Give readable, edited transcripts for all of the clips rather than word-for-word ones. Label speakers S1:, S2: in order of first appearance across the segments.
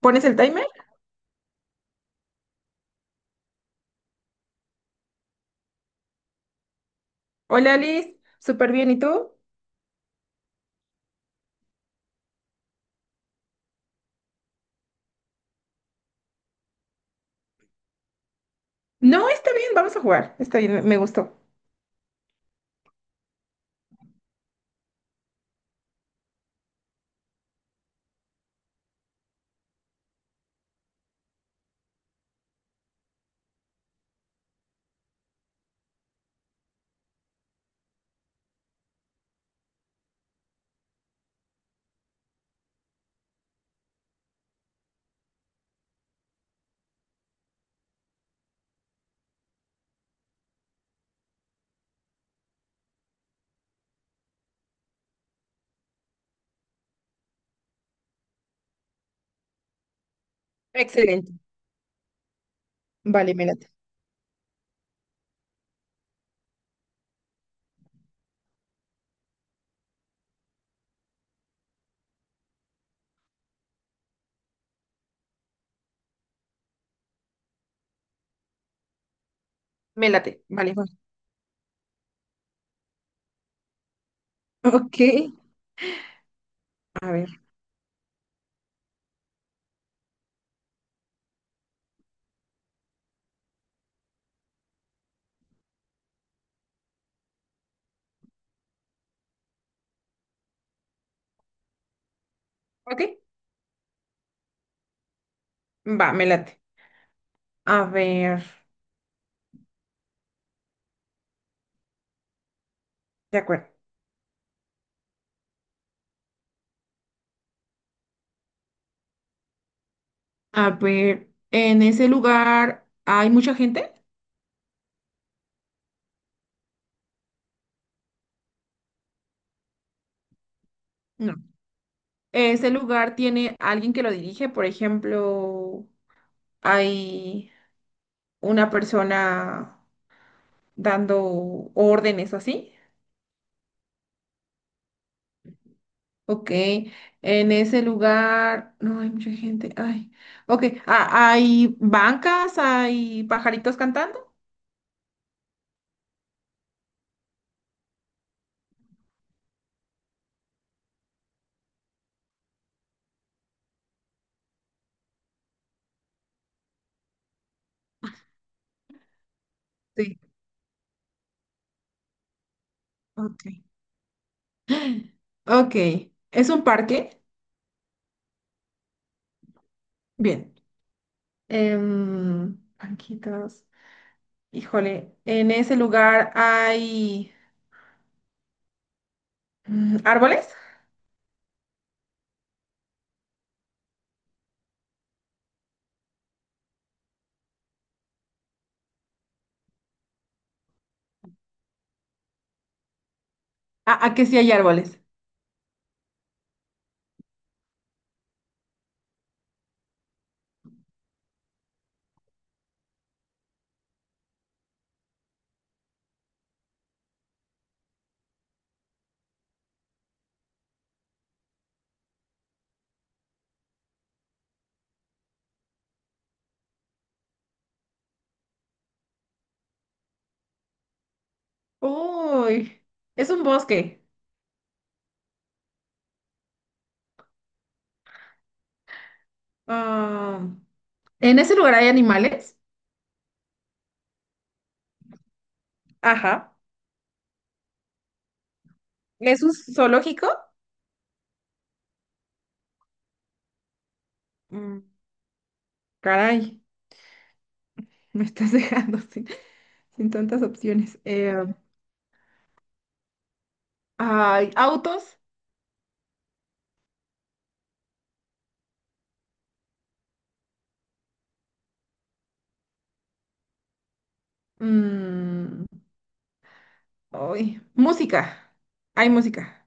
S1: ¿Pones el timer? Hola Alice, súper bien, ¿y tú? No, está bien, vamos a jugar. Está bien, me gustó. Excelente. Vale, me late. Me late. Vale, voy. Ok, a ver. Ok, va, me late. A ver, de acuerdo. A ver, ¿en ese lugar hay mucha gente? No. ¿Ese lugar tiene alguien que lo dirige? Por ejemplo, ¿hay una persona dando órdenes así? Ok, en ese lugar no hay mucha gente. Ay, ok, ah, hay bancas, hay pajaritos cantando. Sí, ok. Ok, ¿es un parque? Bien. Banquitas. Híjole, en ese lugar hay árboles. Que sí hay árboles. Uy, es un bosque. Ah, ¿en ese lugar hay animales? Ajá. ¿Es un zoológico? Mm, Caray, me estás dejando sin tantas opciones. Ay, autos. Mm, Ay, música. Hay música.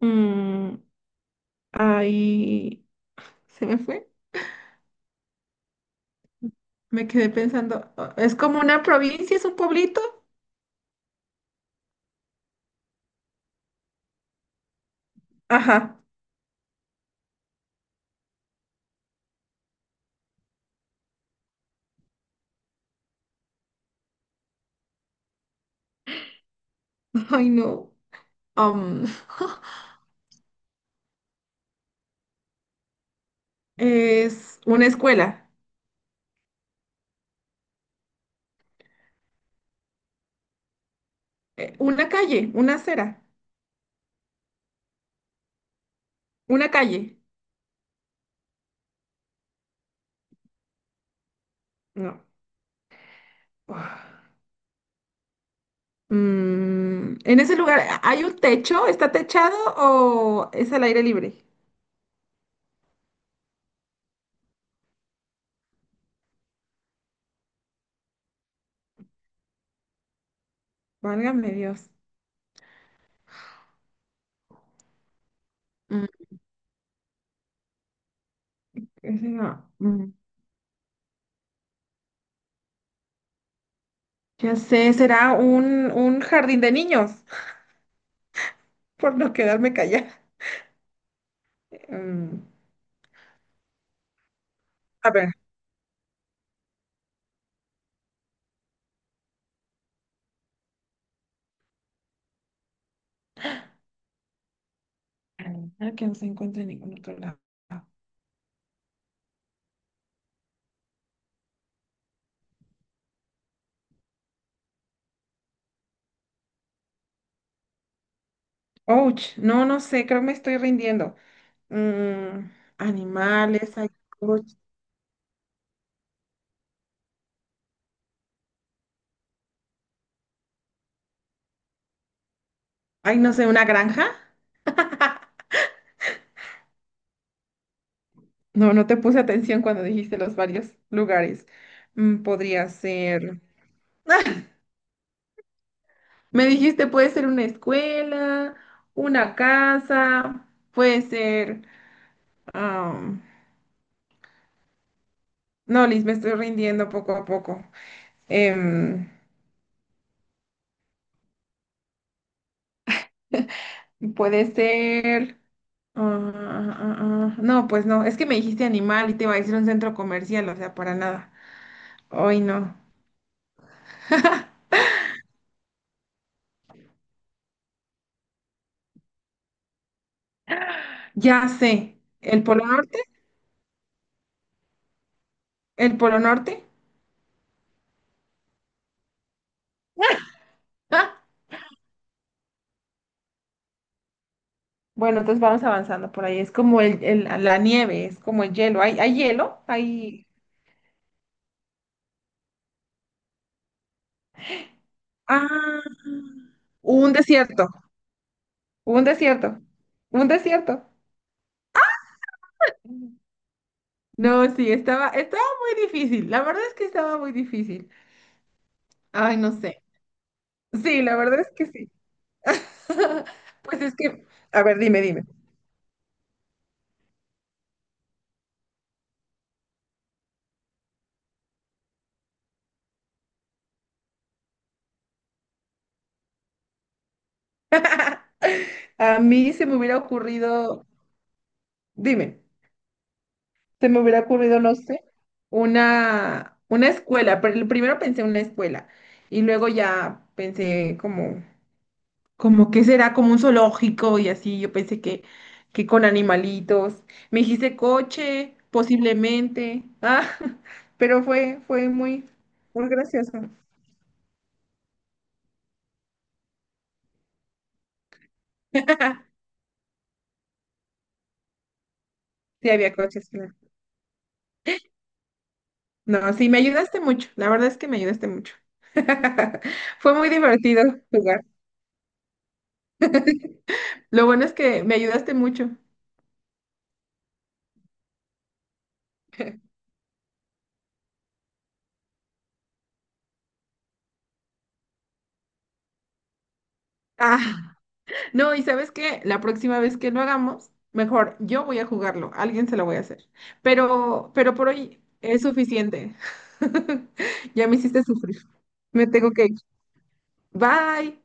S1: Mm, Ay, se me fue. Me quedé pensando. Es como una provincia, es un pueblito. Ajá. Ay, no. Am, es una escuela. Una calle, una acera. Una calle. No. Mm, en ese lugar, ¿hay un techo? ¿Está techado o es al aire libre? Válgame Dios. Mm, ese no. Ya sé, será un jardín de niños, por no quedarme callada. Mm, a ver. Ah, que no se encuentra en ningún otro lado. Ouch, no, no sé, creo que me estoy rindiendo. Mm, Animales, ay, ouch. Ay, no sé, una granja. No, no te puse atención cuando dijiste los varios lugares. Mm, podría ser. Me dijiste, puede ser una escuela, una casa, puede ser... am, no, Liz, me estoy rindiendo poco a poco. Em, Puede ser... ah, ah. No, pues no, es que me dijiste animal y te iba a decir un centro comercial, o sea, para nada. Hoy no. Ya sé, el Polo Norte, el Polo Norte. Ah, bueno, entonces vamos avanzando por ahí. Es como la nieve, es como el hielo. Hay hielo? Hay... Ah, un desierto. Un desierto. Un desierto. No, sí, estaba muy difícil. La verdad es que estaba muy difícil. Ay, no sé. Sí, la verdad es que sí. Pues es que, a ver, dime. A mí se me hubiera ocurrido, dime, se me hubiera ocurrido, no sé, una escuela, pero primero pensé en una escuela y luego ya pensé como como que será como un zoológico y así, yo pensé que con animalitos. Me dijiste coche, posiblemente, ah, pero fue muy, muy gracioso. Sí, había coches, claro. No, sí, me ayudaste mucho, la verdad es que me ayudaste mucho. Fue muy divertido jugar. Lo bueno es que me ayudaste mucho. Ah. No, y sabes qué, la próxima vez que lo hagamos, mejor yo voy a jugarlo, alguien se lo voy a hacer. Pero por hoy es suficiente. Ya me hiciste sufrir. Me tengo que ir. Bye.